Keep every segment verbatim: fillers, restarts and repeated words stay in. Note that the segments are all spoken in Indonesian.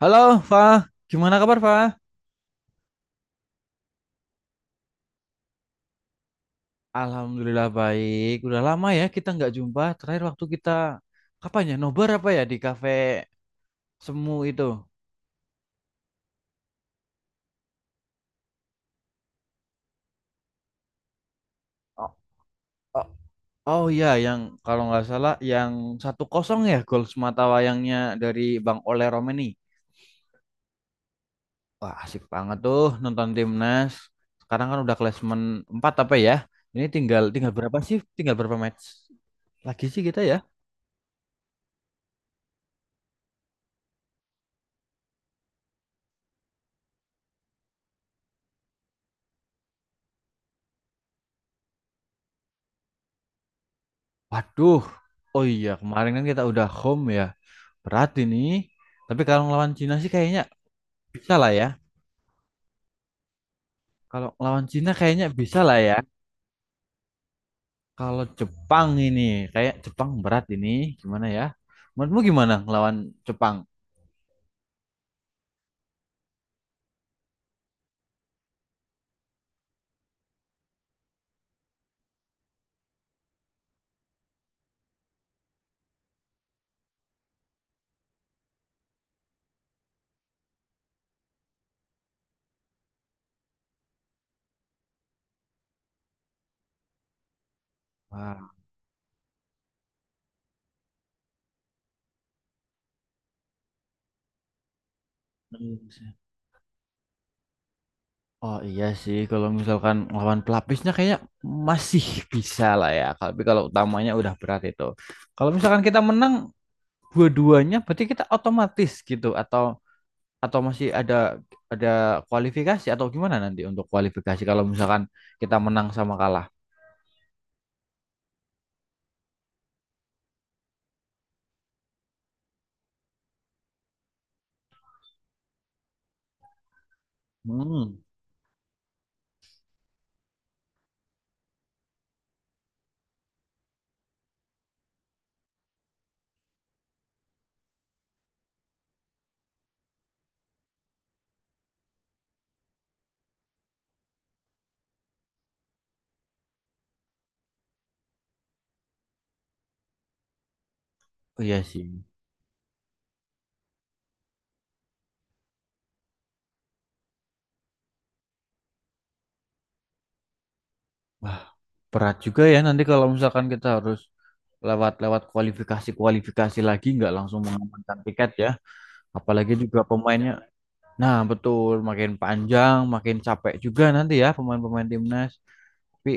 Halo, Fa. Gimana kabar, Fa? Alhamdulillah baik. Udah lama ya kita nggak jumpa. Terakhir waktu kita kapan ya? Nobar apa ya di kafe Semu itu? Oh, oh, oh iya, yang kalau nggak salah yang satu kosong ya gol semata wayangnya dari Bang Ole Romeni. Wah, asik banget tuh nonton timnas. Sekarang kan udah klasemen empat apa ya? Ini tinggal tinggal berapa sih? Tinggal berapa match lagi sih kita ya? Waduh. Oh iya, kemarin kan kita udah home ya. Berat ini. Tapi kalau ngelawan Cina sih kayaknya bisa lah ya. Kalau ngelawan Cina kayaknya bisa lah ya. Kalau Jepang ini, kayak Jepang berat ini. Gimana ya? Menurutmu gimana ngelawan Jepang? Wah, oh iya sih, kalau misalkan lawan pelapisnya kayaknya masih bisa lah ya. Tapi kalau utamanya udah berat itu. Kalau misalkan kita menang dua-duanya, berarti kita otomatis gitu atau atau masih ada ada kualifikasi atau gimana nanti untuk kualifikasi kalau misalkan kita menang sama kalah? Hmm, oh iya sih. Wah, berat juga ya nanti kalau misalkan kita harus lewat-lewat kualifikasi-kualifikasi lagi nggak langsung mengamankan tiket ya. Apalagi juga pemainnya. Nah, betul, makin panjang, makin capek juga nanti ya pemain-pemain timnas. Tapi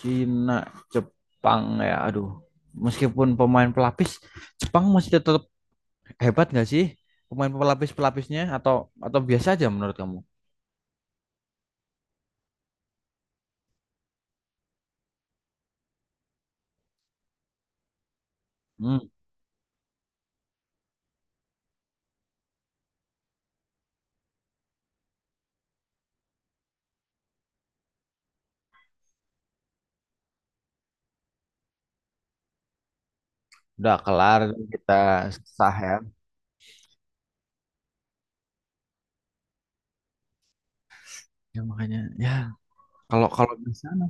Cina, Jepang ya, aduh. Meskipun pemain pelapis, Jepang masih tetap hebat nggak sih pemain pelapis-pelapisnya atau atau biasa aja menurut kamu? Hmm, udah kelar kita sah ya. Ya makanya ya kalau kalau di sana,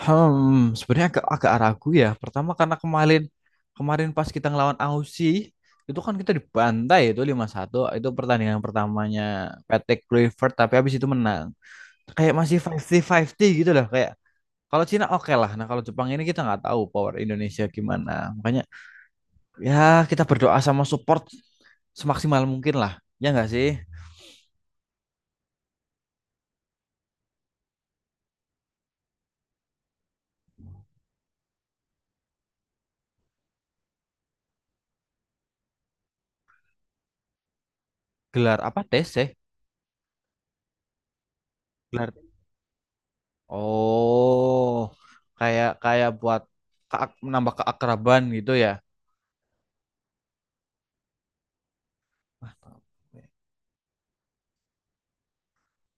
hmm, sebenarnya agak agak ragu ya. Pertama karena kemarin kemarin pas kita ngelawan Aussie itu kan kita dibantai itu lima satu itu pertandingan pertamanya Patrick Kluivert tapi habis itu menang. Kayak masih fifty fifty gitu loh kayak kalau Cina oke lah. Nah, kalau Jepang ini kita nggak tahu power Indonesia gimana. Makanya ya, kita berdoa sama support semaksimal mungkin lah. Ya nggak sih? Gelar apa tes sih? Gelar. Oh, kayak kayak buat keak- menambah keakraban gitu ya. Wah,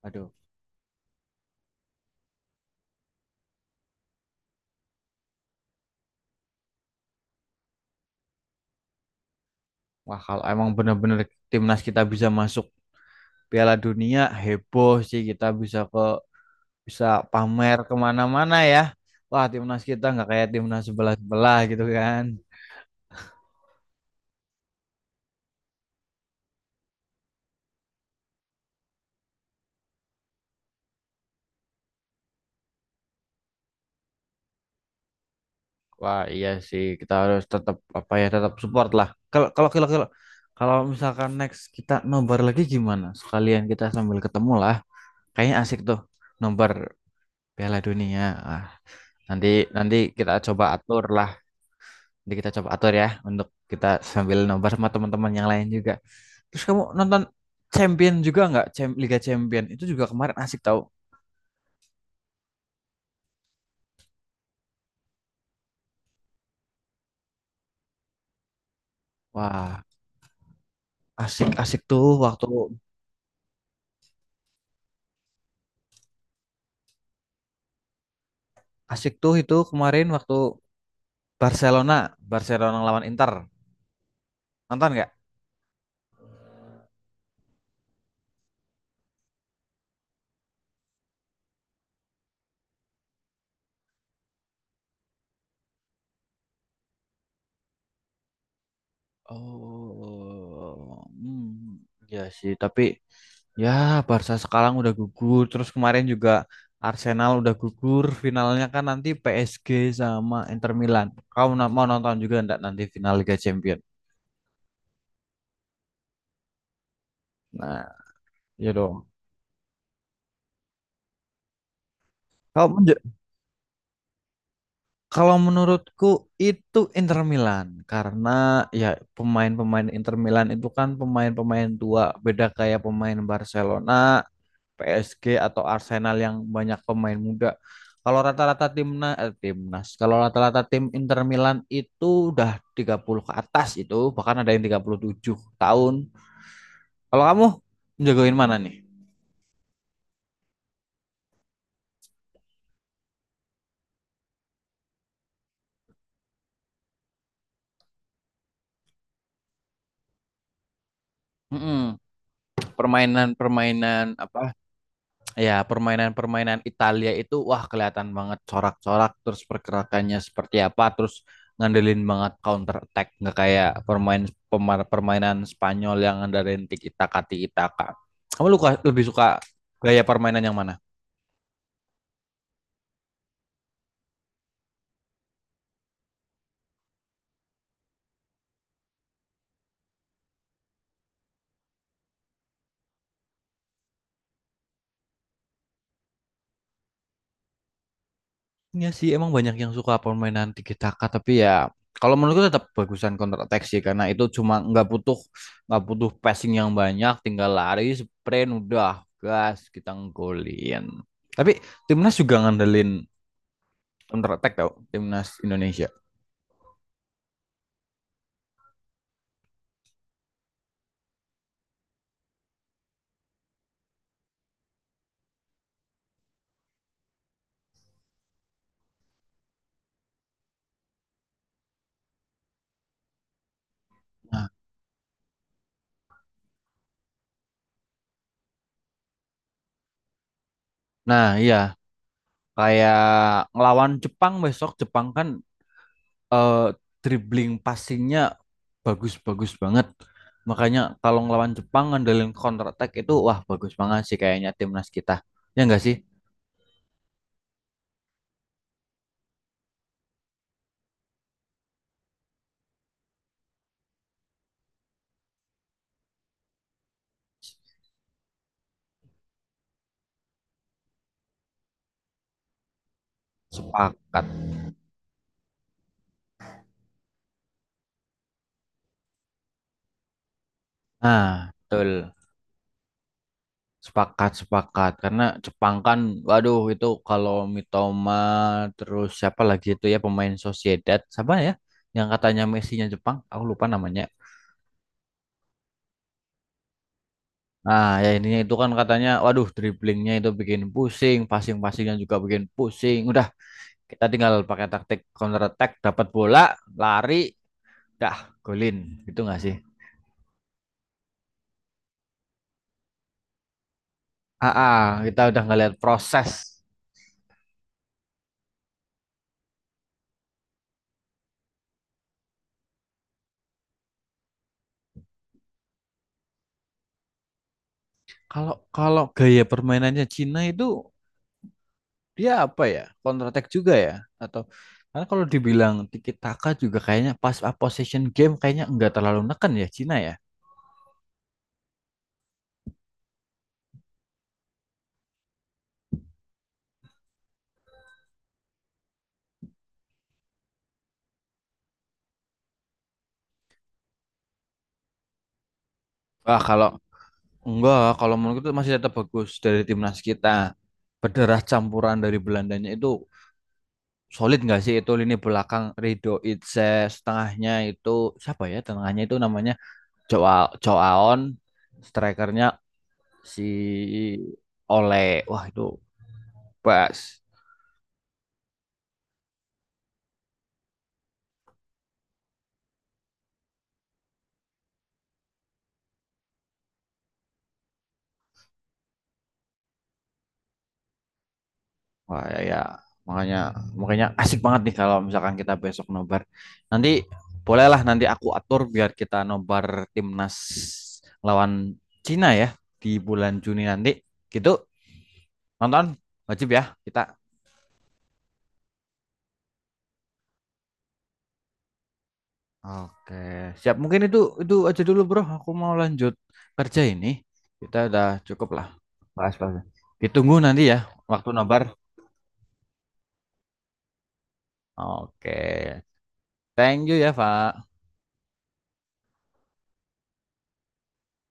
aduh, wah kalau emang bener-bener timnas kita bisa masuk Piala Dunia heboh sih kita bisa ke bisa pamer kemana-mana ya. Wah timnas kita nggak kayak timnas sebelah-sebelah gitu kan. Wah, iya sih. Kita harus tetap apa ya, tetap support lah. Kalau kalau kalau kalau kalau misalkan next kita nobar lagi gimana? Sekalian kita sambil ketemu lah. Kayaknya asik tuh nobar Piala Dunia. Ah, nanti nanti kita coba atur lah. Nanti kita coba atur ya untuk kita sambil nobar sama teman-teman yang lain juga. Terus kamu nonton Champion juga nggak? Cham- Liga Champion itu juga kemarin asik tau. Wah, asik asik tuh waktu asik tuh itu kemarin waktu Barcelona, Barcelona lawan Inter. Nonton nggak? Oh, hmm, ya sih. Tapi ya Barca sekarang udah gugur. Terus kemarin juga Arsenal udah gugur. Finalnya kan nanti P S G sama Inter Milan. Kamu na- mau nonton juga nggak nanti final Liga Champions? Nah, ya dong. Kalau menje- Kalau menurutku itu Inter Milan karena ya pemain-pemain Inter Milan itu kan pemain-pemain tua, beda kayak pemain Barcelona P S G atau Arsenal yang banyak pemain muda. Kalau rata-rata timnas, eh, timnas, kalau rata-rata tim Inter Milan itu udah tiga puluh ke atas itu, bahkan ada yang tiga puluh tujuh tahun. Kalau kamu menjagoin mana nih? Mm-mm. Permainan-permainan apa Ya, permainan-permainan Italia itu wah kelihatan banget corak-corak terus pergerakannya seperti apa terus ngandelin banget counter attack nggak kayak permain pemar- permainan Spanyol yang ngandelin tiki taka tiki taka. Kamu luka, lebih suka gaya permainan yang mana? Iya sih, emang banyak yang suka permainan tiki taka, tapi ya kalau menurutku tetap bagusan counter attack sih karena itu cuma nggak butuh nggak butuh passing yang banyak, tinggal lari, sprint, udah gas kita nggolin. Tapi timnas juga ngandelin counter attack tau, timnas Indonesia. Nah, nah iya kayak ngelawan Jepang besok Jepang kan eh, dribbling passingnya bagus bagus banget. Makanya kalau ngelawan Jepang ngandelin counter attack itu wah bagus banget sih kayaknya timnas kita. Ya enggak sih? Sepakat. Nah, betul. Sepakat, sepakat. Karena Jepang kan, waduh itu kalau Mitoma, terus siapa lagi itu ya pemain Sociedad, siapa ya? Yang katanya Messi-nya Jepang, aku lupa namanya. Nah, ya ininya itu kan katanya, waduh dribblingnya itu bikin pusing, passing-passingnya juga bikin pusing. Udah, kita tinggal pakai taktik counter attack, dapat bola, lari, dah, golin gitu nggak sih? Ah, ah, kita udah ngeliat proses. Kalau kalau gaya permainannya Cina itu dia apa ya? Counter attack juga ya? Atau karena kalau dibilang tiki taka juga kayaknya pas ah, possession game kayaknya nggak terlalu neken ya Cina ya. Wah, kalau enggak, kalau menurut itu masih tetap bagus dari timnas kita. Berderah campuran dari Belandanya itu solid nggak sih itu lini belakang Rido Itse, setengahnya itu siapa ya? Tengahnya itu namanya Joao Joaon strikernya si Ole wah itu bas wah ya, ya. Makanya makanya asik banget nih kalau misalkan kita besok nobar nanti bolehlah nanti aku atur biar kita nobar timnas lawan Cina ya di bulan Juni nanti gitu nonton wajib ya kita. Oke, siap. Mungkin itu itu aja dulu, Bro. Aku mau lanjut kerja ini. Kita udah cukup lah. Bahas-bahas. Ditunggu nanti ya waktu nobar. Oke. Thank you ya, Pak.